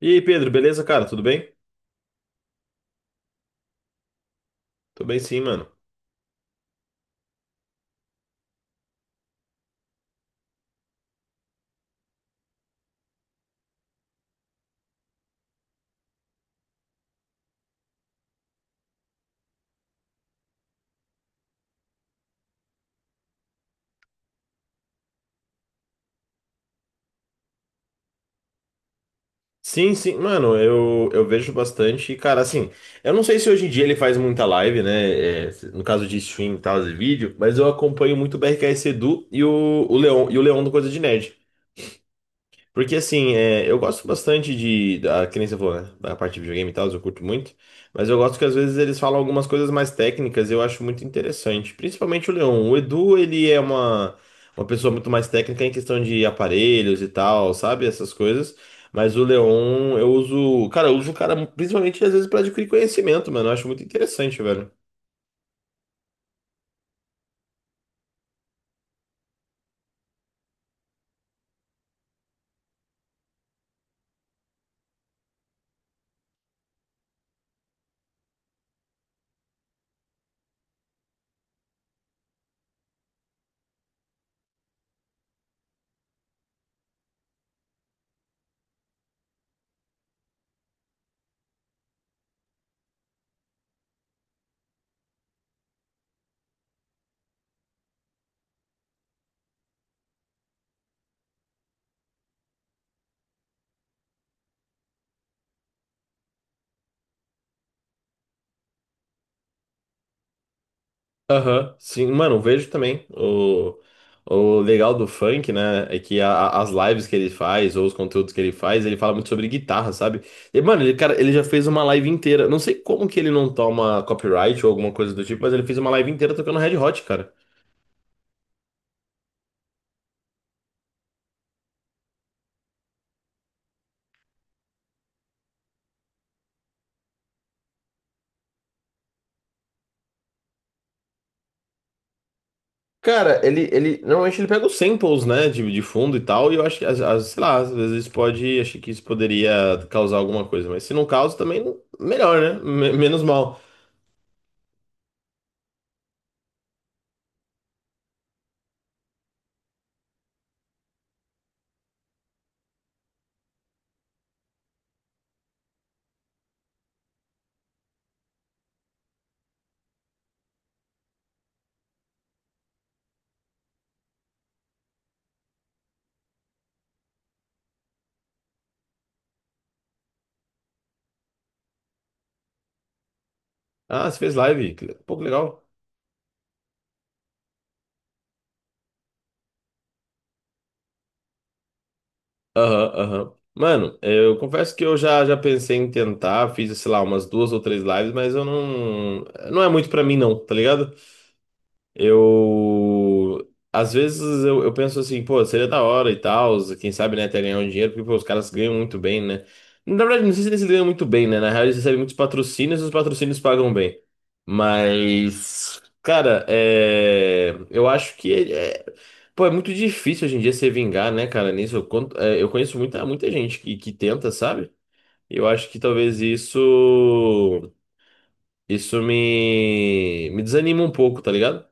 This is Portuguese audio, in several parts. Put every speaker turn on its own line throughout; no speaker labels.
E aí, Pedro, beleza, cara? Tudo bem? Tô bem sim, mano. Sim, mano, eu vejo bastante. E, cara, assim, eu não sei se hoje em dia ele faz muita live, né? No caso de stream e tal, de vídeo, mas eu acompanho muito o BRKS Edu e o Leon, e o Leon do Coisa de Nerd. Porque assim, eu gosto bastante de. Da, que nem você falou, né? Da parte de videogame e tal, eu curto muito. Mas eu gosto que às vezes eles falam algumas coisas mais técnicas e eu acho muito interessante. Principalmente o Leon. O Edu, ele é uma pessoa muito mais técnica em questão de aparelhos e tal, sabe? Essas coisas. Mas o Leon, eu uso. Cara, eu uso o cara principalmente às vezes pra adquirir conhecimento, mano. Eu acho muito interessante, velho. Aham, sim, mano, vejo também. O legal do funk, né, é que as lives que ele faz, ou os conteúdos que ele faz, ele fala muito sobre guitarra, sabe? E, mano, ele, cara, ele já fez uma live inteira. Não sei como que ele não toma copyright ou alguma coisa do tipo, mas ele fez uma live inteira tocando Red Hot, cara. Cara, ele normalmente ele pega os samples, né, de fundo e tal, e eu acho que, sei lá, às vezes pode, acho que isso poderia causar alguma coisa, mas se não causa, também melhor, né? Menos mal. Ah, você fez live, pô, que legal. Aham, aham. Mano, eu confesso que eu já pensei em tentar, fiz, sei lá, umas duas ou três lives, mas eu não. Não é muito pra mim, não, tá ligado? Eu. Às vezes eu penso assim, pô, seria da hora e tal, quem sabe, né, até ganhar um dinheiro, porque pô, os caras ganham muito bem, né? Na verdade, não sei se eles ganham muito bem, né? Na real, eles recebem muitos patrocínios e os patrocínios pagam bem. Mas, cara, é eu acho que é pô, é muito difícil hoje em dia se vingar, né, cara? Nisso eu conheço muita gente que tenta, sabe? Eu acho que talvez isso. Isso me desanima um pouco, tá ligado?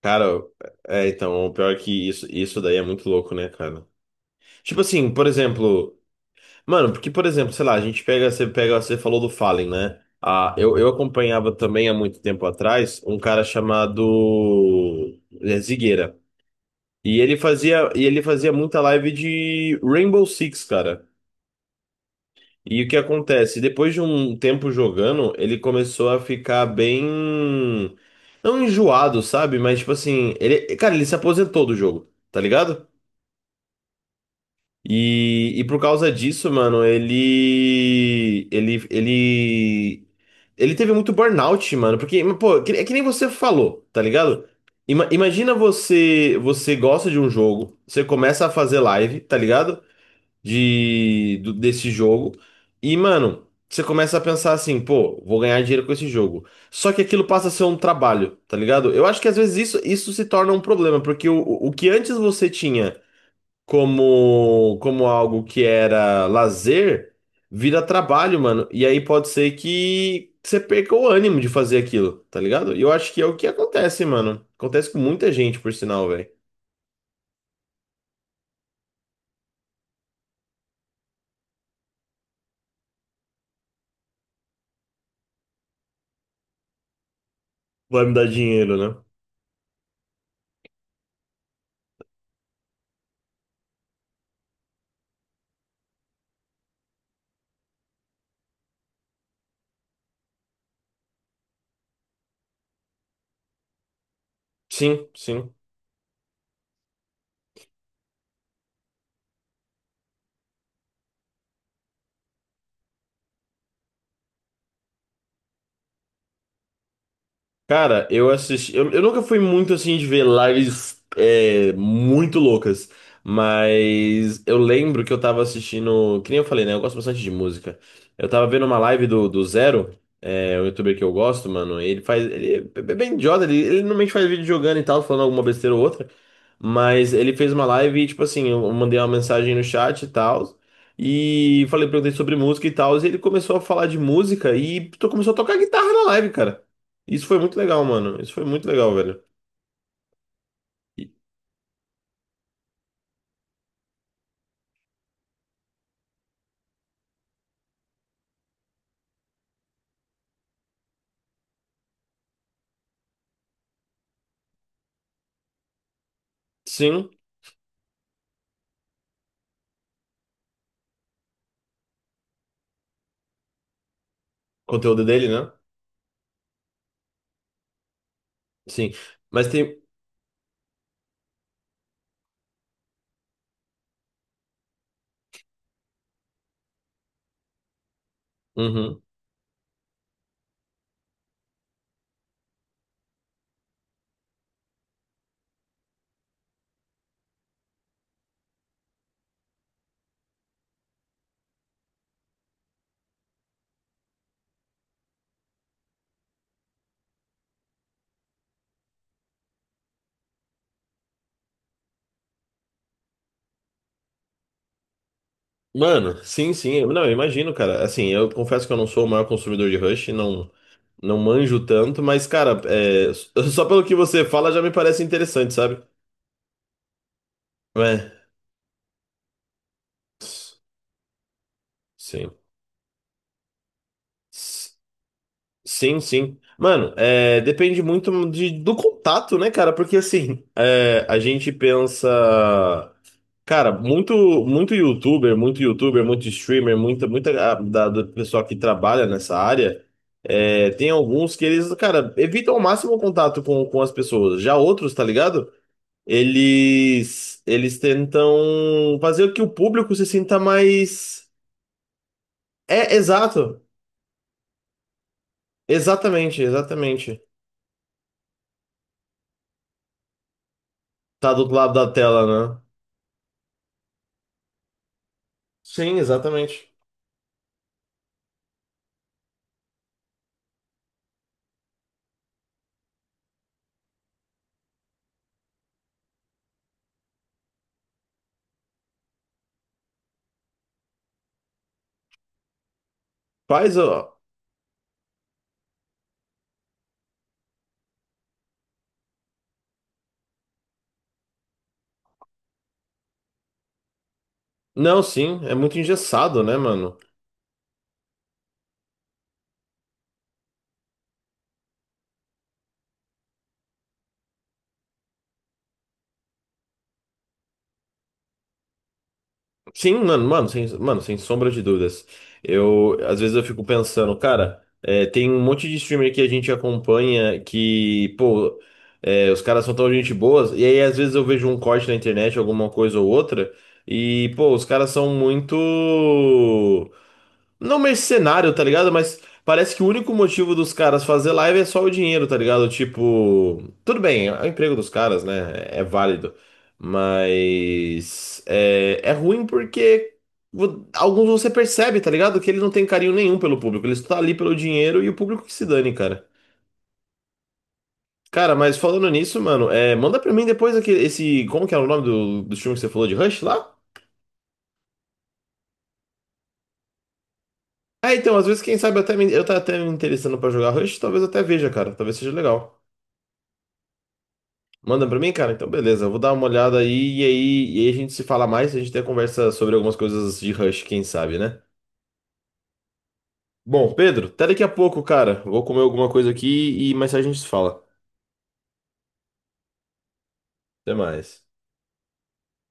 Cara, é, então, o pior é que isso daí é muito louco, né, cara? Tipo assim, por exemplo, mano, porque, por exemplo, sei lá, a gente pega, você falou do Fallen, né? Ah, eu acompanhava também há muito tempo atrás um cara chamado Zigueira. E ele fazia muita live de Rainbow Six, cara. E o que acontece? Depois de um tempo jogando, ele começou a ficar bem. Não enjoado, sabe? Mas tipo assim, ele. Cara, ele se aposentou do jogo, tá ligado? E por causa disso, mano, ele. Ele. Ele. Ele teve muito burnout, mano. Porque, pô, que nem você falou, tá ligado? Imagina você. Você gosta de um jogo, você começa a fazer live, tá ligado? Desse jogo. E, mano, você começa a pensar assim, pô, vou ganhar dinheiro com esse jogo. Só que aquilo passa a ser um trabalho, tá ligado? Eu acho que às vezes isso se torna um problema, porque o que antes você tinha como, como algo que era lazer, vira trabalho, mano. E aí pode ser que você perca o ânimo de fazer aquilo, tá ligado? E eu acho que é o que acontece, mano. Acontece com muita gente, por sinal, velho. Vai me dar dinheiro, né? Sim, sim. Cara, eu assisti. Eu nunca fui muito assim de ver lives muito loucas, mas eu lembro que eu tava assistindo. Que nem eu falei, né? Eu gosto bastante de música. Eu tava vendo uma live do Zero, é, um youtuber que eu gosto, mano. Ele faz. Ele é bem idiota, ele normalmente faz vídeo jogando e tal, falando alguma besteira ou outra. Mas ele fez uma live e, tipo assim, eu mandei uma mensagem no chat e tal. E falei, perguntei sobre música e tal. E ele começou a falar de música e começou a tocar guitarra na live, cara. Isso foi muito legal, mano. Isso foi muito legal, velho. E- Sim, conteúdo dele, né? Sim. Mas tem. Uhum. Mano, sim, sim. Eu- Não, eu imagino, cara. Assim, eu confesso que eu não sou o maior consumidor de Rush, não, não manjo tanto, mas, cara, é s- só pelo que você fala já me parece interessante, sabe? É. S- Sim. S- Sim, sim. Mano, é, depende muito do contato, né, cara? Porque assim, é, a gente pensa. Cara, muito, muito YouTuber, muito streamer, muita ah, da, do pessoal que trabalha nessa área, é, tem alguns que eles, cara, evitam ao máximo o contato com as pessoas. Já outros, tá ligado? Eles tentam fazer com que o público se sinta mais. É, exato. Exatamente, exatamente. Tá do outro lado da tela, né? Sim, exatamente. Faz, ó. Não, sim, é muito engessado, né, mano? Sim, mano, mano, sem sombra de dúvidas. Eu, às vezes eu fico pensando, cara, é, tem um monte de streamer que a gente acompanha que, pô, é, os caras são tão gente boas, e aí às vezes eu vejo um corte na internet, alguma coisa ou outra, e, pô, os caras são muito. Não mercenário, tá ligado? Mas parece que o único motivo dos caras fazer live é só o dinheiro, tá ligado? Tipo, tudo bem, é o emprego dos caras, né? É válido. Mas é, é ruim porque alguns você percebe, tá ligado? Que eles não têm carinho nenhum pelo público. Eles estão ali pelo dinheiro e o público que se dane, cara. Cara, mas falando nisso, mano, é, manda pra mim depois aquele, esse. Como que é o nome do filme que você falou de Rush lá? Ah, então, às vezes, quem sabe, eu tá até me interessando pra jogar Rush, talvez eu até veja, cara. Talvez seja legal. Manda pra mim, cara? Então, beleza. Eu vou dar uma olhada aí e aí a gente se fala mais. A gente tem conversa sobre algumas coisas de Rush, quem sabe, né? Bom, Pedro, até daqui a pouco, cara. Vou comer alguma coisa aqui e mais tarde a gente se fala. Até mais.